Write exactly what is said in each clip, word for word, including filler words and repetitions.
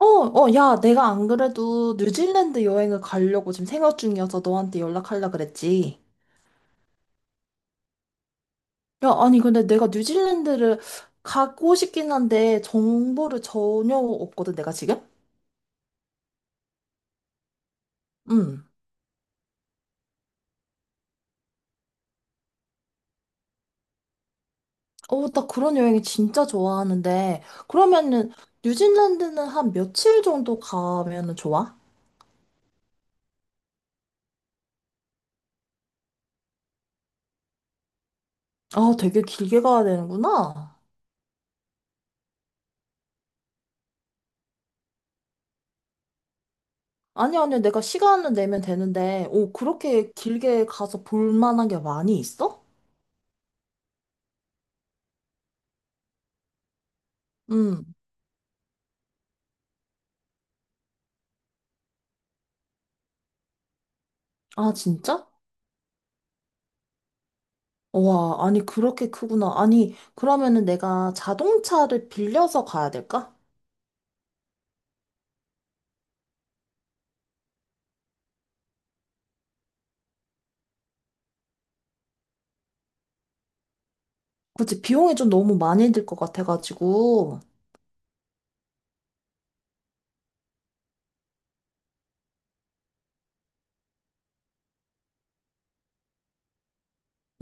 어, 어, 야, 내가 안 그래도 뉴질랜드 여행을 가려고 지금 생각 중이어서 너한테 연락하려 그랬지. 야, 아니, 근데 내가 뉴질랜드를 가고 싶긴 한데 정보를 전혀 없거든, 내가 지금? 응. 어, 나 그런 여행이 진짜 좋아하는데, 그러면은 뉴질랜드는 한 며칠 정도 가면은 좋아? 아, 되게 길게 가야 되는구나. 아니, 아니, 내가 시간을 내면 되는데, 오, 그렇게 길게 가서 볼 만한 게 많이 있어? 응. 아, 진짜? 와, 아니, 그렇게 크구나. 아니, 그러면은 내가 자동차를 빌려서 가야 될까? 그치, 비용이 좀 너무 많이 들 것 같아가지고.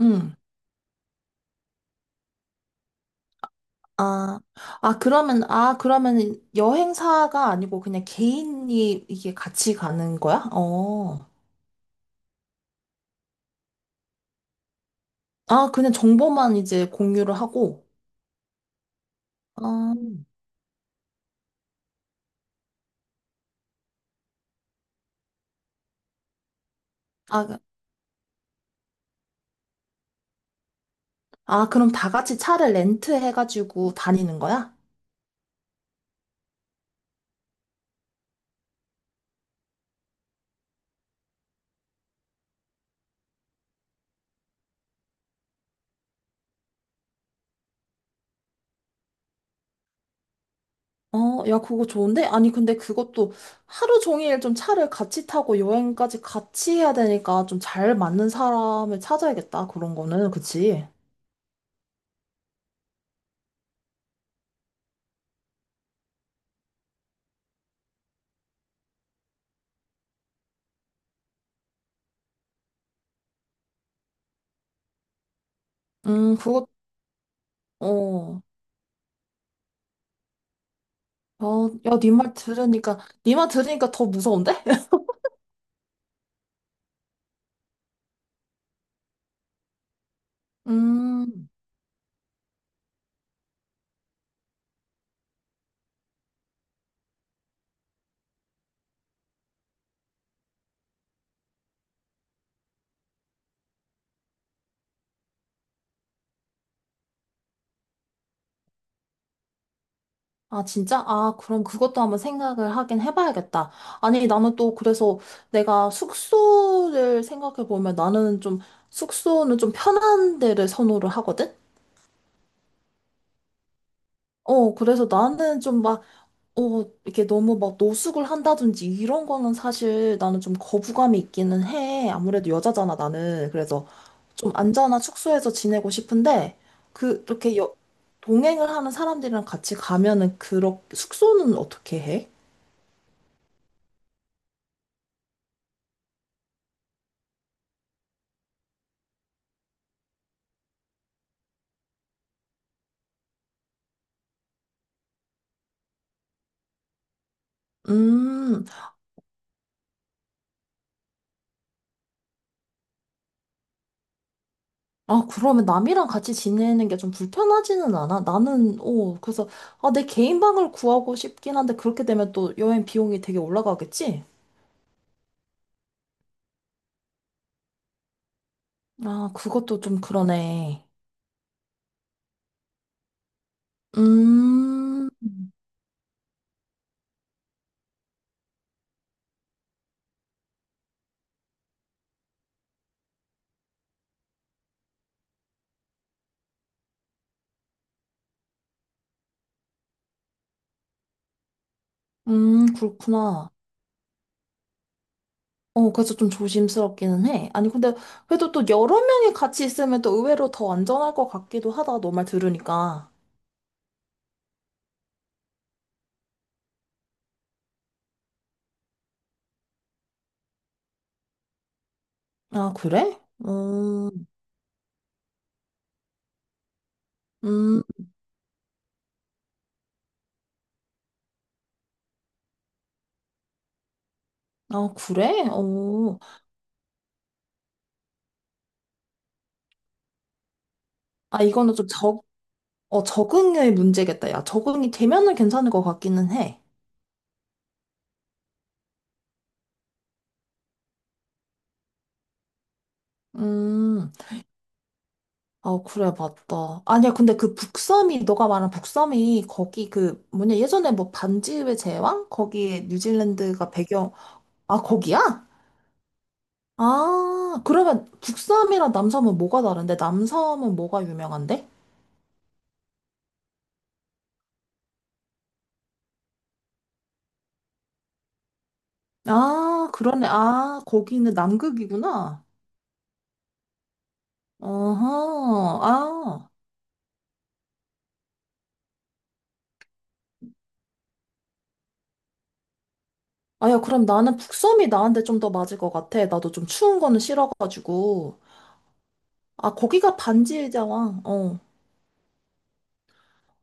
응. 아, 아, 그러면, 아, 그러면 여행사가 아니고 그냥 개인이 이게 같이 가는 거야? 어. 아, 그냥 정보만 이제 공유를 하고. 어. 아, 아, 그럼 다 같이 차를 렌트해가지고 다니는 거야? 어, 야, 그거 좋은데? 아니, 근데 그것도 하루 종일 좀 차를 같이 타고 여행까지 같이 해야 되니까 좀 잘 맞는 사람을 찾아야겠다. 그런 거는, 그치? 음, 그거, 어. 어, 야, 네 말 들으니까, 네 말 들으니까 더 무서운데? 음, 아, 진짜? 아, 그럼 그것도 한번 생각을 하긴 해봐야겠다. 아니, 나는 또 그래서 내가 숙소를 생각해보면 나는 좀, 숙소는 좀 편한 데를 선호를 하거든? 어, 그래서 나는 좀막 어, 이게 너무 막 노숙을 한다든지 이런 거는 사실 나는 좀 거부감이 있기는 해. 아무래도 여자잖아, 나는. 그래서 좀 안전한 숙소에서 지내고 싶은데, 그, 이렇게 여, 동행을 하는 사람들이랑 같이 가면은, 그렇, 숙소는 어떻게 해? 음, 아, 그러면 남이랑 같이 지내는 게 좀 불편하지는 않아? 나는, 어, 그래서, 아, 내 개인 방을 구하고 싶긴 한데, 그렇게 되면 또 여행 비용이 되게 올라가겠지? 아, 그것도 좀 그러네. 음. 음, 그렇구나. 어, 그래서 좀 조심스럽기는 해. 아니, 근데 그래도 또 여러 명이 같이 있으면 또 의외로 더 안전할 것 같기도 하다, 너 말 들으니까. 아, 그래? 음, 음, 아, 그래? 어, 아, 이거는 좀 적, 어, 적응의 문제겠다. 야, 적응이 되면은 괜찮을 것 같기는 해. 음, 아, 그래, 맞다. 아니야, 근데 그 북섬이, 너가 말한 북섬이 거기 그, 뭐냐, 예전에 뭐 반지의 제왕? 거기에 뉴질랜드가 배경, 아, 거기야? 아, 그러면 북섬이랑 남섬은 뭐가 다른데? 남섬은 뭐가 유명한데? 아, 그러네. 아, 거기는 남극이구나. 어허, 아. 아, 야, 그럼 나는 북섬이 나한테 좀 더 맞을 것 같아. 나도 좀 추운 거는 싫어가지고. 아, 거기가 반지의 제왕. 어.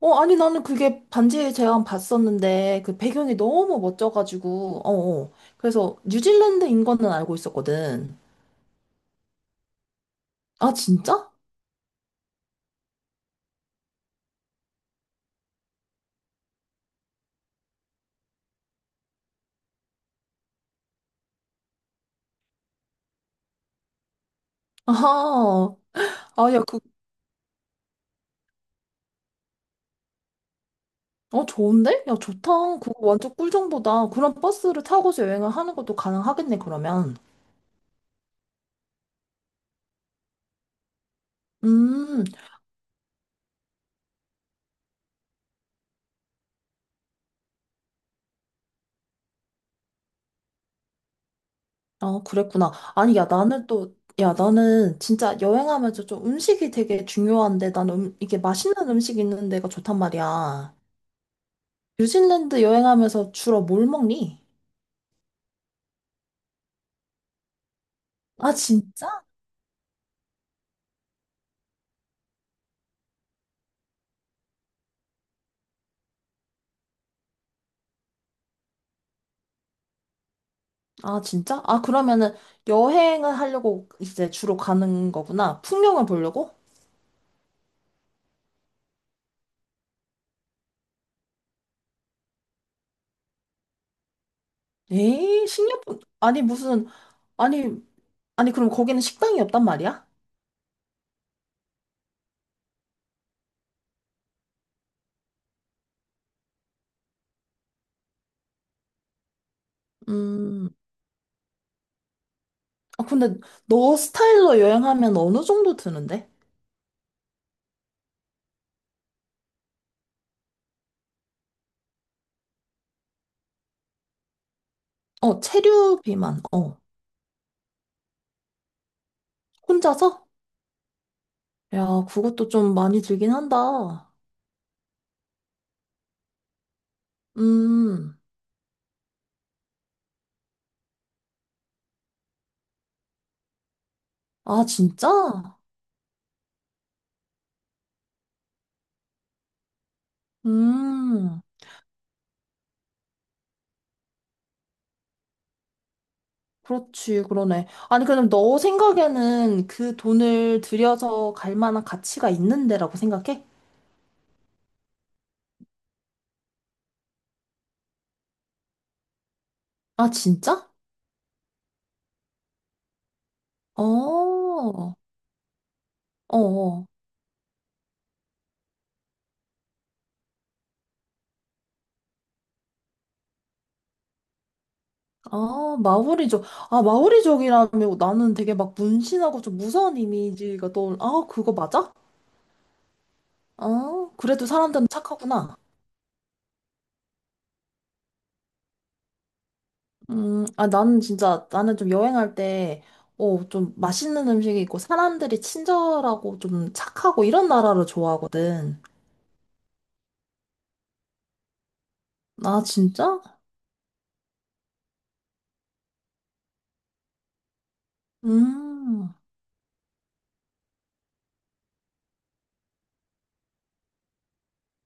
어, 아니, 나는 그게 반지의 제왕 봤었는데, 그 배경이 너무 멋져가지고, 어, 어. 그래서 뉴질랜드인 거는 알고 있었거든. 아, 진짜? 아하. 아, 야, 그, 어, 좋은데? 야, 좋다. 그거 완전 꿀정보다. 그런 버스를 타고서 여행을 하는 것도 가능하겠네, 그러면. 음, 아, 그랬구나. 아니, 야, 나는 또, 야, 나는 진짜 여행하면서 좀 음식이 되게 중요한데, 나는 음, 이게 맛있는 음식 있는 데가 좋단 말이야. 뉴질랜드 여행하면서 주로 뭘 먹니? 아, 진짜? 아, 진짜? 아, 그러면은 여행을 하려고 이제 주로 가는 거구나. 풍경을 보려고? 에이, 식료품, 아니, 무슨, 아니, 아니, 그럼 거기는 식당이 없단 말이야? 음, 아, 근데 너 스타일로 여행하면 어느 정도 드는데? 어, 체류 비만, 어. 혼자서? 야, 그것도 좀 많이 들긴 한다. 음, 아, 진짜? 음, 그렇지, 그러네. 아니, 그럼 너 생각에는 그 돈을 들여서 갈 만한 가치가 있는 데라고 생각해? 아, 진짜? 어, 어, 어. 아, 마오리족. 아, 마오리족이라면 나는 되게 막 문신하고 좀 무서운 이미지가 떠올, 아, 그거 맞아? 아, 그래도 사람들은 착하구나. 음, 아, 나는 진짜, 나는 좀 여행할 때, 어, 좀 맛있는 음식이 있고, 사람들이 친절하고 좀 착하고 이런 나라를 좋아하거든. 아, 진짜? 음.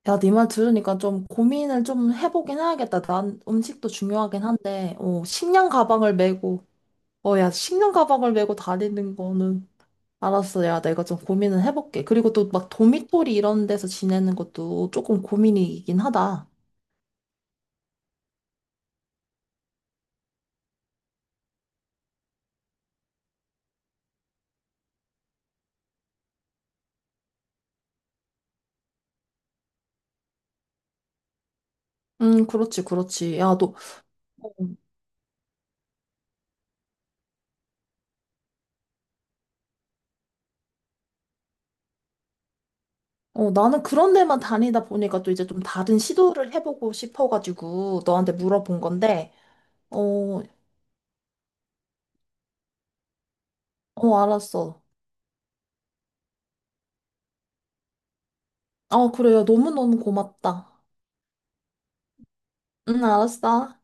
야, 네 말 들으니까 좀 고민을 좀 해보긴 해야겠다. 난 음식도 중요하긴 한데, 어, 식량 가방을 메고, 어, 야, 식량 가방을 메고 다니는 거는 알았어. 야, 내가 좀 고민은 해볼게. 그리고 또 막 도미토리 이런 데서 지내는 것도 조금 고민이긴 하다. 음, 그렇지, 그렇지. 야, 너, 어, 나는 그런 데만 다니다 보니까 또 이제 좀 다른 시도를 해보고 싶어가지고 너한테 물어본 건데, 어, 어, 알았어. 어, 그래. 요 너무너무 고맙다. 응, 알았어.